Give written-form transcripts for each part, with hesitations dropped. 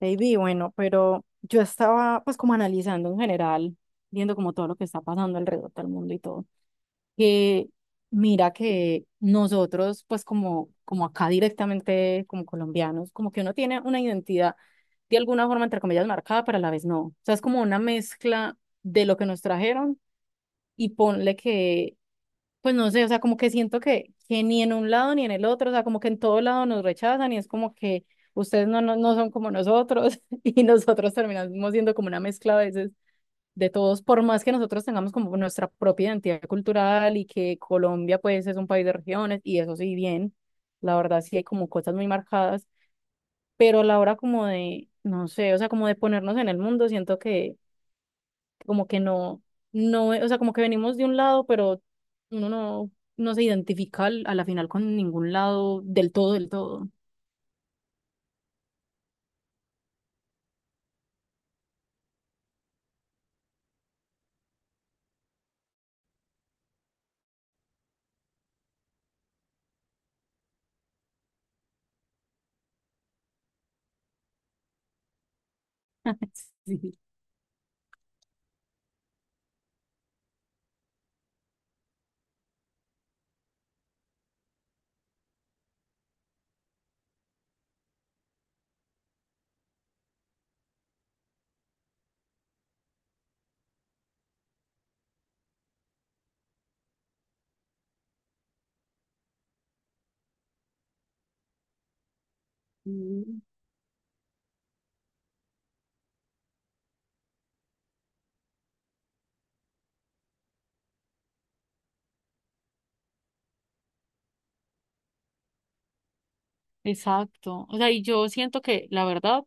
Baby, bueno, pero yo estaba pues como analizando en general, viendo como todo lo que está pasando alrededor del mundo y todo, que mira que nosotros pues como, acá directamente como colombianos, como que uno tiene una identidad de alguna forma entre comillas marcada, pero a la vez no. O sea, es como una mezcla de lo que nos trajeron y ponle que pues no sé, o sea, como que siento que ni en un lado ni en el otro, o sea, como que en todo lado nos rechazan y es como que ustedes no son como nosotros y nosotros terminamos siendo como una mezcla a veces de todos, por más que nosotros tengamos como nuestra propia identidad cultural y que Colombia pues es un país de regiones y eso sí, bien, la verdad sí hay como cosas muy marcadas, pero a la hora como de, no sé, o sea, como de ponernos en el mundo, siento que como que no, no, o sea, como que venimos de un lado, pero uno no, no se identifica a la final con ningún lado del todo, del todo. Sí. Mm. Exacto. O sea, y yo siento que la verdad,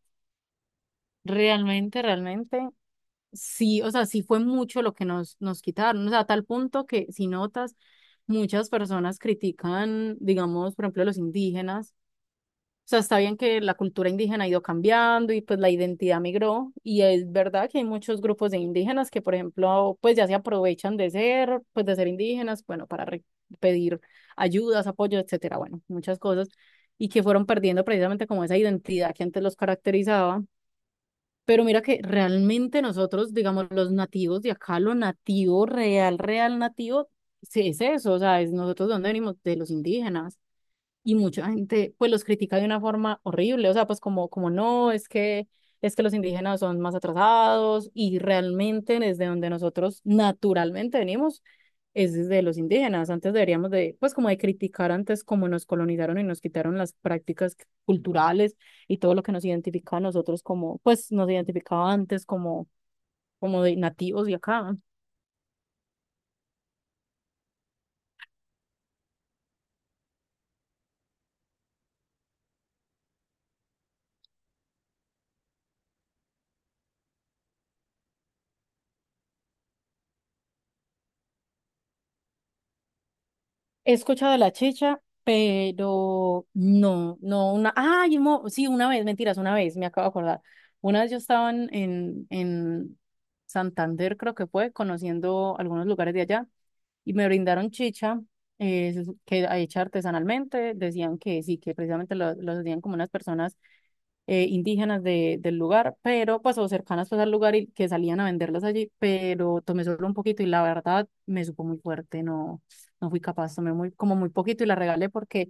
realmente, sí, o sea, sí fue mucho lo que nos quitaron, o sea, a tal punto que si notas, muchas personas critican, digamos, por ejemplo, a los indígenas. O sea, está bien que la cultura indígena ha ido cambiando y pues la identidad migró y es verdad que hay muchos grupos de indígenas que, por ejemplo, pues ya se aprovechan de ser, pues de ser indígenas, bueno, para pedir ayudas, apoyo, etcétera, bueno, muchas cosas y que fueron perdiendo precisamente como esa identidad que antes los caracterizaba. Pero mira que realmente nosotros, digamos, los nativos de acá, lo nativo, real, real nativo, sí es eso, o sea, es nosotros de dónde venimos, de los indígenas, y mucha gente pues los critica de una forma horrible, o sea, pues como, como no, es que los indígenas son más atrasados y realmente desde donde nosotros naturalmente venimos es desde los indígenas. Antes deberíamos de, pues como de criticar antes cómo nos colonizaron y nos quitaron las prácticas culturales y todo lo que nos identificaba a nosotros como, pues nos identificaba antes como, como de nativos de acá. He escuchado de la chicha, pero no, no, una, ay, sí, una vez, mentiras, una vez, me acabo de acordar. Una vez yo estaba en Santander, creo que fue, conociendo algunos lugares de allá, y me brindaron chicha, eh, que hecha artesanalmente, decían que sí, que precisamente los hacían como unas personas indígenas de, del lugar, pero pues o cercanas pues al lugar y que salían a venderlas allí, pero tomé solo un poquito y la verdad me supo muy fuerte, no, no fui capaz, tomé muy, como muy poquito y la regalé porque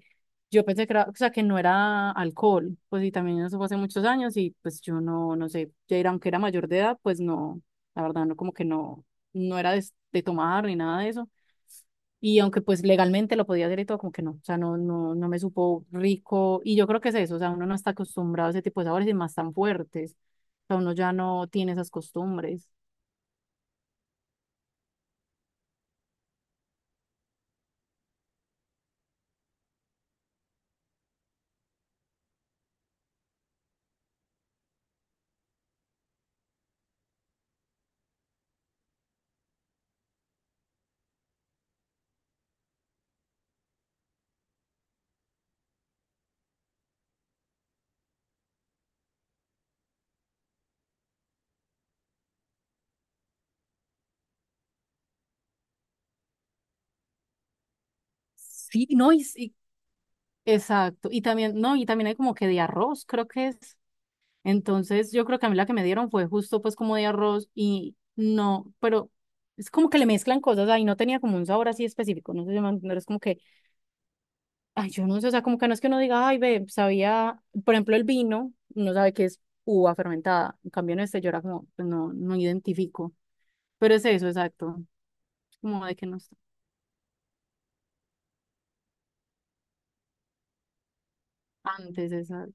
yo pensé que era, o sea, que no era alcohol, pues y también eso fue hace muchos años y pues yo no, no sé, ya era, aunque era mayor de edad, pues no, la verdad no, como que no, no era de tomar ni nada de eso. Y aunque pues legalmente lo podía hacer y todo, como que no, o sea, no, no me supo rico. Y yo creo que es eso, o sea, uno no está acostumbrado a ese tipo de sabores y más tan fuertes. O sea, uno ya no tiene esas costumbres. Sí, no, y, sí, exacto. Y también, no, y también hay como que de arroz, creo que es. Entonces, yo creo que a mí la que me dieron fue justo pues como de arroz y no, pero es como que le mezclan cosas ahí, no tenía como un sabor así específico, no sé si me van a entender, es como que ay, yo no sé, o sea, como que no es que uno diga, ay, ve, sabía, por ejemplo, el vino, uno sabe que es uva fermentada. En cambio, en este yo era como, pues, no, no identifico. Pero es eso, exacto. Como de que no está. Antes, exacto.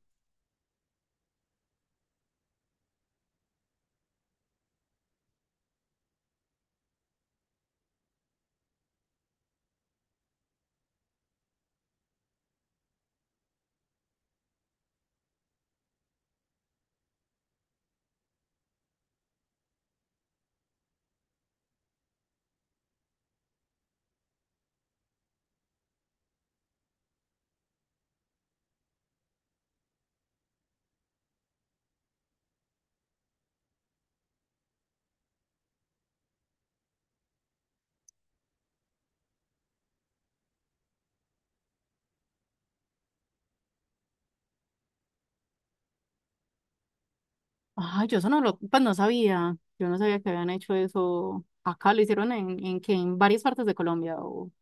Ay, yo eso no lo, pues no sabía. Yo no sabía que habían hecho eso. Acá lo hicieron en que en varias partes de Colombia. O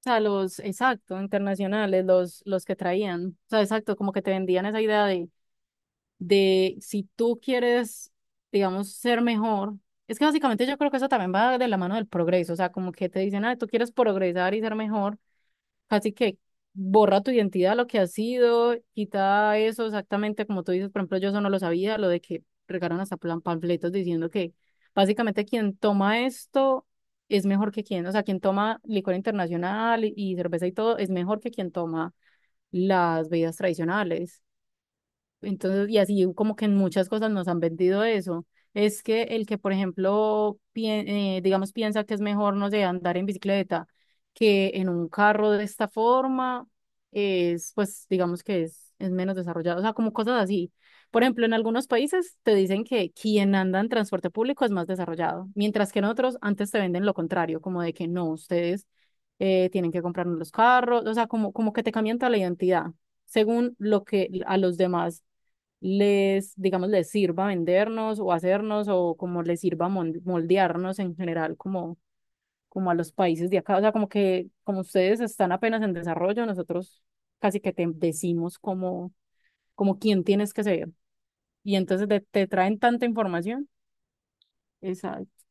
sea, los, exacto, internacionales, los que traían. O sea, exacto, como que te vendían esa idea de si tú quieres, digamos, ser mejor, es que básicamente yo creo que eso también va de la mano del progreso, o sea, como que te dicen, ah, tú quieres progresar y ser mejor, así que borra tu identidad, lo que has sido, quita eso exactamente como tú dices, por ejemplo, yo eso no lo sabía, lo de que regaron hasta panfletos diciendo que básicamente quien toma esto es mejor que quien, o sea, quien toma licor internacional y cerveza y todo es mejor que quien toma las bebidas tradicionales. Entonces, y así como que en muchas cosas nos han vendido eso. Es que el que, por ejemplo, digamos, piensa que es mejor, no sé, andar en bicicleta que en un carro de esta forma, es, pues, digamos es menos desarrollado. O sea, como cosas así. Por ejemplo, en algunos países te dicen que quien anda en transporte público es más desarrollado, mientras que en otros antes te venden lo contrario, como de que no, ustedes tienen que comprarnos los carros, o sea, como, como que te cambian toda la identidad según lo que a los demás les, digamos, les sirva vendernos o hacernos o como les sirva moldearnos en general como, como a los países de acá. O sea, como que como ustedes están apenas en desarrollo, nosotros casi que te decimos como, como quién tienes que ser. Y entonces te traen tanta información. Exacto.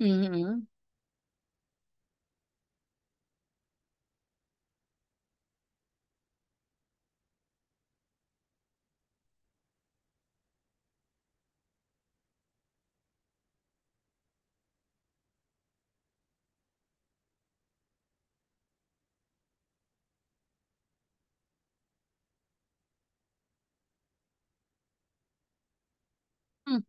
Ujú. Mm.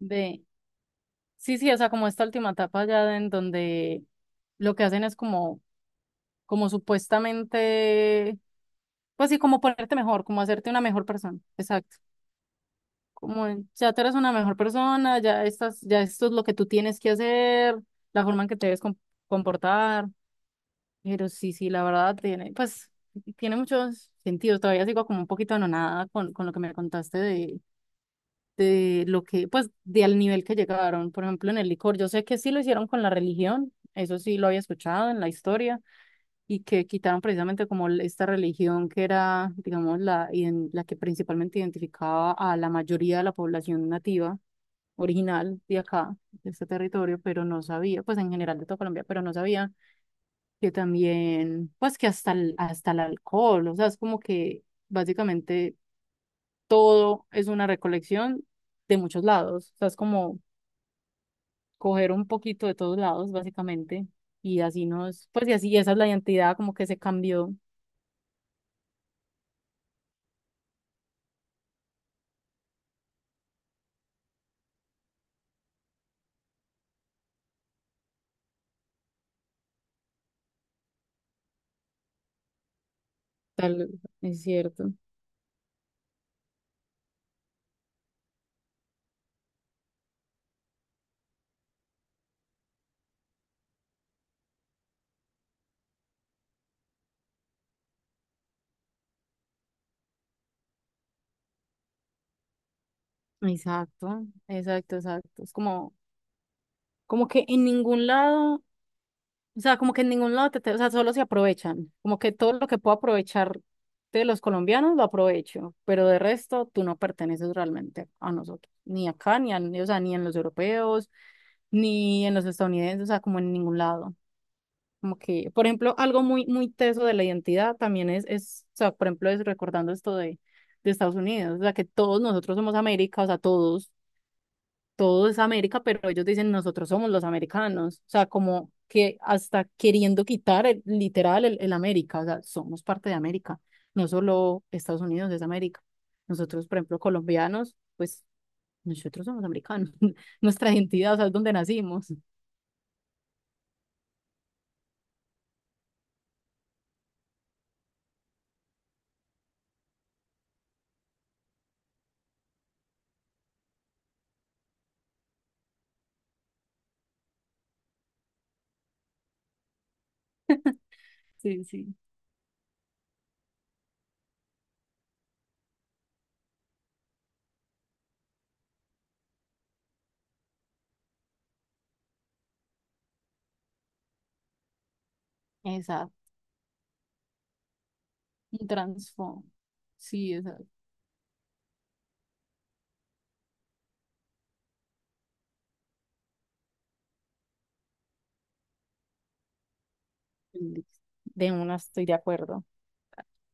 De, sí, sí, o sea, como esta última etapa ya en donde lo que hacen es como, como supuestamente, pues sí, como ponerte mejor, como hacerte una mejor persona. Exacto. Como en, ya tú eres una mejor persona, ya estás, ya esto es lo que tú tienes que hacer, la forma en que te debes comportar. Pero sí, sí, la verdad tiene, pues, tiene muchos sentidos. Todavía sigo como un poquito anonada con lo que me contaste de lo que, pues, de al nivel que llegaron. Por ejemplo, en el licor, yo sé que sí lo hicieron con la religión, eso sí lo había escuchado en la historia, y que quitaron precisamente como esta religión que era, digamos, la que principalmente identificaba a la mayoría de la población nativa original de acá, de este territorio, pero no sabía, pues en general de toda Colombia, pero no sabía que también, pues que hasta hasta el alcohol, o sea, es como que básicamente todo es una recolección de muchos lados, o sea, es como coger un poquito de todos lados, básicamente, y así nos, pues y así esa es la identidad como que se cambió, tal, es cierto. Exacto, exacto, exacto. Es como, como que en ningún lado. O sea, como que en ningún lado, o sea, solo se aprovechan. Como que todo lo que puedo aprovechar de los colombianos lo aprovecho, pero de resto tú no perteneces realmente a nosotros, ni acá, ni, o sea, ni en los europeos, ni en los estadounidenses, o sea, como en ningún lado. Como que, por ejemplo, algo muy, muy teso de la identidad también es, o sea, por ejemplo, es recordando esto de Estados Unidos, o sea, que todos nosotros somos América, o sea, todos todo es América, pero ellos dicen nosotros somos los americanos, o sea, como que hasta queriendo quitar el América, o sea, somos parte de América, no solo Estados Unidos es América. Nosotros, por ejemplo, colombianos, pues nosotros somos americanos, nuestra identidad, o sea, es donde nacimos. Sí, sí, exacto, un trasfondo, sí, exacto. De una estoy de acuerdo.